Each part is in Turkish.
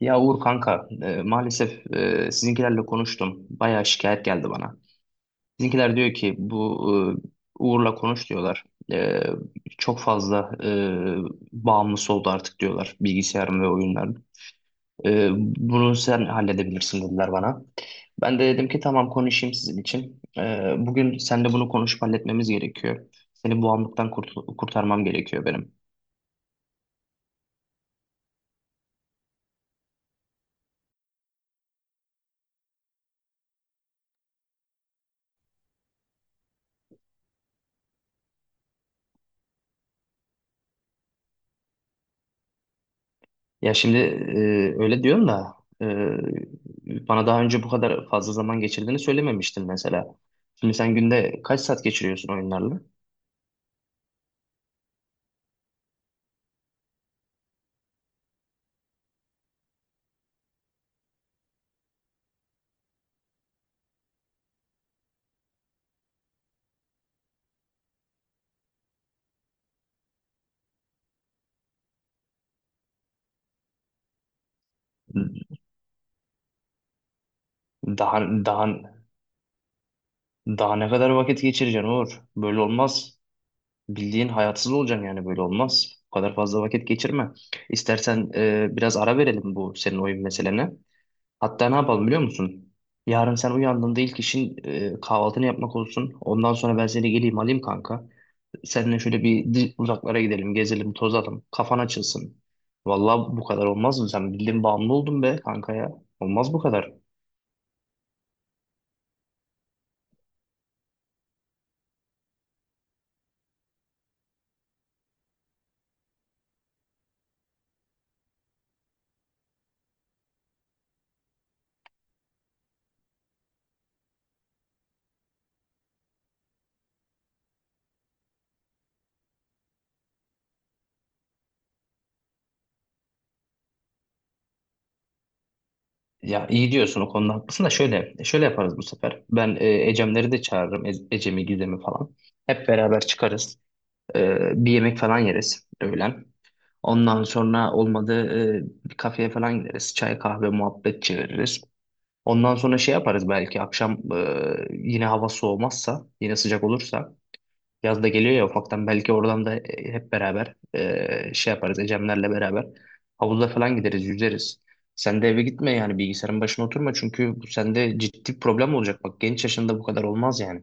Ya Uğur kanka, maalesef sizinkilerle konuştum. Bayağı şikayet geldi bana. Sizinkiler diyor ki bu Uğur'la konuş diyorlar. E, çok fazla bağımlısı oldu artık diyorlar bilgisayarım ve oyunların. E, bunu sen halledebilirsin dediler bana. Ben de dedim ki tamam konuşayım sizin için. Bugün seninle bunu konuşup halletmemiz gerekiyor. Seni bu bağımlılıktan kurtarmam gerekiyor benim. Ya şimdi öyle diyorum da e, bana daha önce bu kadar fazla zaman geçirdiğini söylememiştin mesela. Şimdi sen günde kaç saat geçiriyorsun oyunlarla? Daha daha daha ne kadar vakit geçireceksin Uğur? Böyle olmaz. Bildiğin hayatsız olacaksın yani böyle olmaz. Bu kadar fazla vakit geçirme. İstersen biraz ara verelim bu senin oyun meselene. Hatta ne yapalım biliyor musun? Yarın sen uyandığında ilk işin kahvaltını yapmak olsun. Ondan sonra ben seni geleyim alayım kanka. Seninle şöyle bir uzaklara gidelim, gezelim, tozalım. Kafan açılsın. Vallahi bu kadar olmaz mı? Sen bildiğin bağımlı oldun be kanka ya. Olmaz bu kadar. Ya iyi diyorsun o konuda haklısın da şöyle şöyle yaparız bu sefer. Ben Ecemleri de çağırırım. Ecem'i, Gizem'i falan. Hep beraber çıkarız. Bir yemek falan yeriz öğlen. Ondan sonra olmadı bir kafeye falan gideriz. Çay, kahve, muhabbet çeviririz. Ondan sonra şey yaparız belki akşam yine hava soğumazsa, yine sıcak olursa. Yaz da geliyor ya ufaktan belki oradan da hep beraber şey yaparız Ecemlerle beraber, havuza falan gideriz yüzeriz. Sen de eve gitme yani bilgisayarın başına oturma çünkü bu sende ciddi bir problem olacak. Bak genç yaşında bu kadar olmaz yani.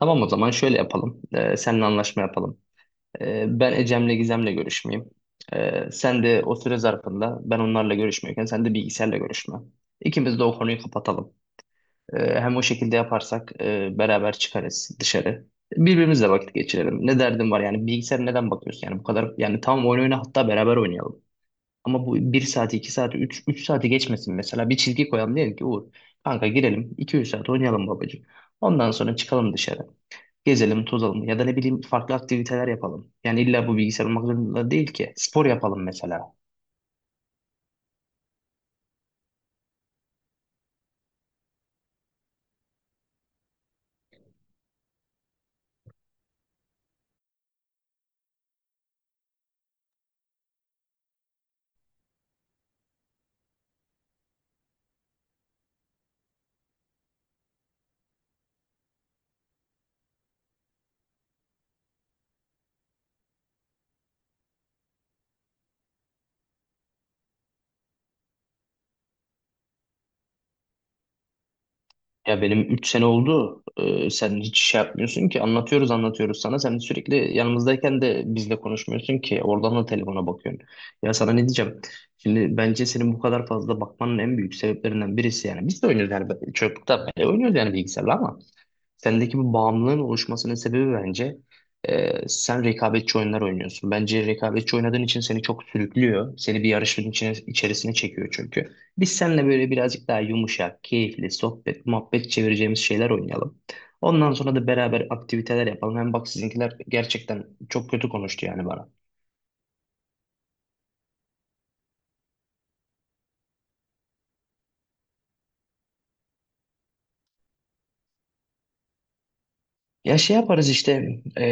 Tamam o zaman şöyle yapalım. Seninle anlaşma yapalım. Ben Ecem'le Gizem'le görüşmeyeyim. Sen de o süre zarfında ben onlarla görüşmüyorken sen de bilgisayarla görüşme. İkimiz de o konuyu kapatalım. Hem o şekilde yaparsak beraber çıkarız dışarı. Birbirimizle vakit geçirelim. Ne derdim var yani bilgisayara neden bakıyorsun? Yani bu kadar yani tamam oyun oyna hatta beraber oynayalım. Ama bu bir saati 2 saati üç saati geçmesin mesela. Bir çizgi koyalım diyelim ki Uğur kanka girelim 2-3 saat oynayalım babacığım. Ondan sonra çıkalım dışarı. Gezelim, tozalım ya da ne bileyim farklı aktiviteler yapalım. Yani illa bu bilgisayar olmak zorunda değil ki. Spor yapalım mesela. Ya benim 3 sene oldu. Sen hiç şey yapmıyorsun ki. Anlatıyoruz anlatıyoruz sana. Sen sürekli yanımızdayken de bizle konuşmuyorsun ki. Oradan da telefona bakıyorsun. Ya sana ne diyeceğim? Şimdi bence senin bu kadar fazla bakmanın en büyük sebeplerinden birisi yani. Biz de oynuyoruz yani. Çocukluktan beri oynuyoruz yani bilgisayarla ama. Sendeki bu bağımlılığın oluşmasının sebebi bence sen rekabetçi oyunlar oynuyorsun. Bence rekabetçi oynadığın için seni çok sürüklüyor. Seni bir yarışın içine, içerisine çekiyor çünkü. Biz seninle böyle birazcık daha yumuşak, keyifli, sohbet, muhabbet çevireceğimiz şeyler oynayalım. Ondan sonra da beraber aktiviteler yapalım. Hem bak sizinkiler gerçekten çok kötü konuştu yani bana. Ya şey yaparız işte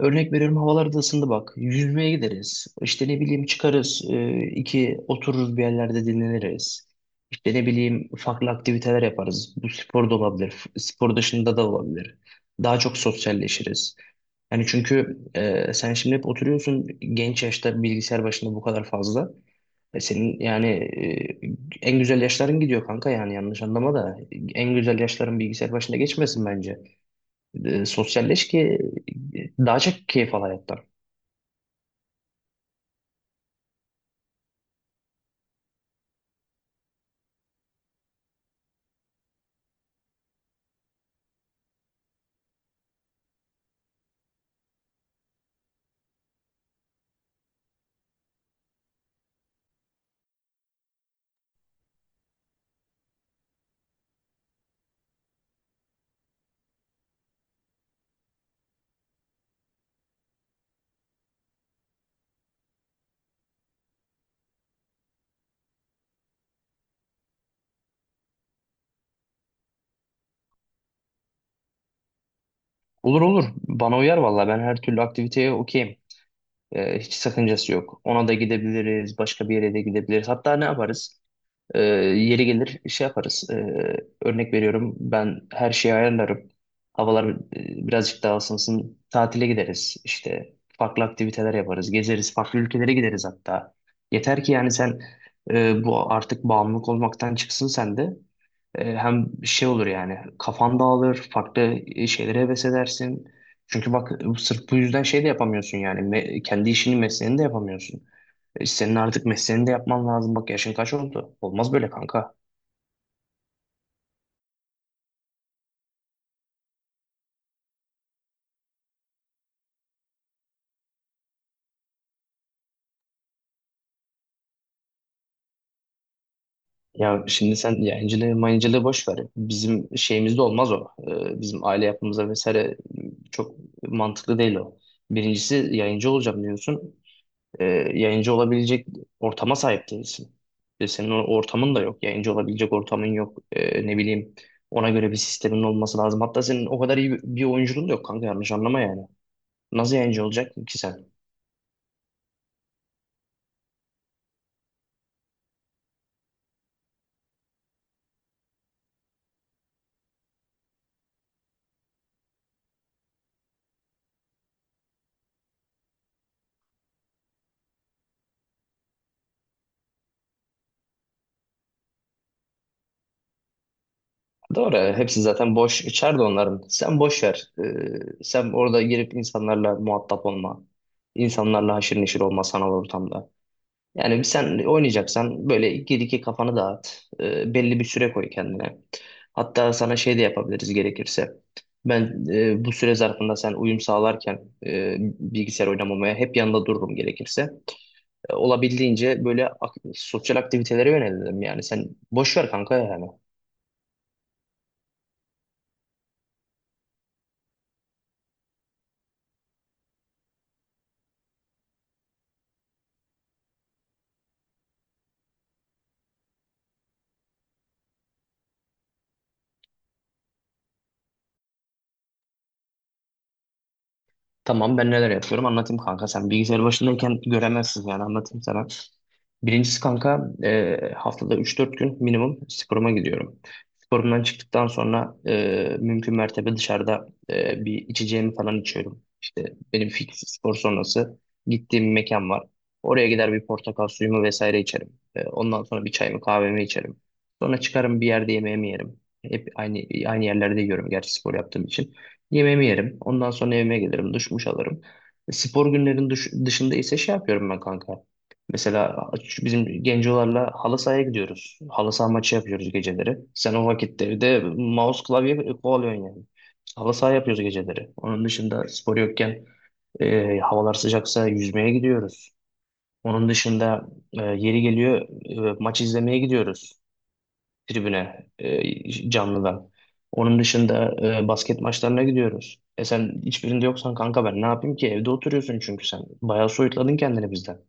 örnek veriyorum havalar da ısındı bak yüzmeye gideriz işte ne bileyim çıkarız iki otururuz bir yerlerde dinleniriz. İşte ne bileyim farklı aktiviteler yaparız. Bu spor da olabilir. Spor dışında da olabilir. Daha çok sosyalleşiriz. Yani çünkü sen şimdi hep oturuyorsun genç yaşta bilgisayar başında bu kadar fazla. E senin yani en güzel yaşların gidiyor kanka yani yanlış anlama da en güzel yaşların bilgisayar başında geçmesin bence. Sosyalleş ki daha çok keyif al hayattan. Olur olur bana uyar valla ben her türlü aktiviteye okeyim. Hiç sakıncası yok. Ona da gidebiliriz, başka bir yere de gidebiliriz. Hatta ne yaparız? Yeri gelir şey yaparız. Örnek veriyorum ben her şeyi ayarlarım. Havalar birazcık daha ısınsın. Tatile gideriz. İşte farklı aktiviteler yaparız. Gezeriz. Farklı ülkelere gideriz hatta. Yeter ki yani sen bu artık bağımlılık olmaktan çıksın sen de. Hem şey olur yani kafan dağılır, farklı şeylere heves edersin. Çünkü bak sırf bu yüzden şey de yapamıyorsun yani kendi işini mesleğini de yapamıyorsun. Senin artık mesleğini de yapman lazım. Bak yaşın kaç oldu? Olmaz böyle kanka. Ya şimdi sen yayıncılığı mayıncılığı boş ver. Bizim şeyimizde olmaz o. Bizim aile yapımıza vesaire çok mantıklı değil o. Birincisi yayıncı olacağım diyorsun. e, yayıncı olabilecek ortama sahip değilsin. Ve senin o ortamın da yok. Yayıncı olabilecek ortamın yok. Ne bileyim ona göre bir sistemin olması lazım. Hatta senin o kadar iyi bir oyunculuğun da yok kanka yanlış anlama yani. Nasıl yayıncı olacak ki sen? Doğru. Hepsi zaten boş içeride onların. Sen boş ver. Sen orada girip insanlarla muhatap olma. İnsanlarla haşır neşir olma sanal ortamda. Yani sen oynayacaksan böyle gir iki kafanı dağıt. Belli bir süre koy kendine. Hatta sana şey de yapabiliriz gerekirse. Ben bu süre zarfında sen uyum sağlarken bilgisayar oynamamaya hep yanında dururum gerekirse. Olabildiğince böyle sosyal aktivitelere yönelirim yani. Sen boş ver kanka yani. Tamam ben neler yapıyorum anlatayım kanka. Sen bilgisayar başındayken göremezsin yani anlatayım sana. Birincisi kanka haftada 3-4 gün minimum sporuma gidiyorum. Sporumdan çıktıktan sonra mümkün mertebe dışarıda bir içeceğimi falan içiyorum. İşte benim fix spor sonrası gittiğim bir mekan var. Oraya gider bir portakal suyumu vesaire içerim. Ondan sonra bir çayımı kahvemi içerim. Sonra çıkarım bir yerde yemeğimi yerim. Hep aynı yerlerde yiyorum gerçi spor yaptığım için. Yemeğimi yerim. Ondan sonra evime gelirim. Duş muş alırım. Spor günlerin dışında ise şey yapıyorum ben kanka. Mesela şu bizim gencolarla halı sahaya gidiyoruz. Halı saha maçı yapıyoruz geceleri. Sen o vakitte evde mouse klavye kovalıyorsun yani. Halı saha yapıyoruz geceleri. Onun dışında spor yokken havalar sıcaksa yüzmeye gidiyoruz. Onun dışında yeri geliyor maç izlemeye gidiyoruz tribüne canlıdan. Onun dışında basket maçlarına gidiyoruz. E sen hiçbirinde yoksan kanka ben ne yapayım ki? Evde oturuyorsun çünkü sen. Bayağı soyutladın kendini bizden.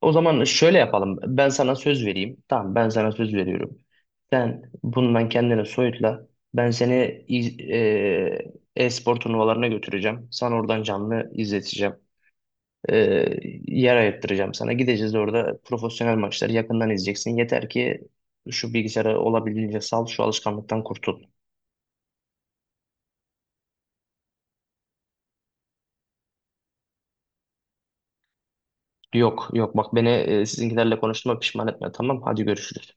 O zaman şöyle yapalım. Ben sana söz vereyim. Tamam ben sana söz veriyorum. Sen bundan kendini soyutla. Ben seni e-spor turnuvalarına götüreceğim. Sana oradan canlı izleteceğim. e, yer ayırttıracağım sana. Gideceğiz orada profesyonel maçları yakından izleyeceksin. Yeter ki şu bilgisayarı olabildiğince sal, şu alışkanlıktan kurtul. Yok yok bak beni sizinkilerle konuştuğuma pişman etme tamam. Hadi görüşürüz.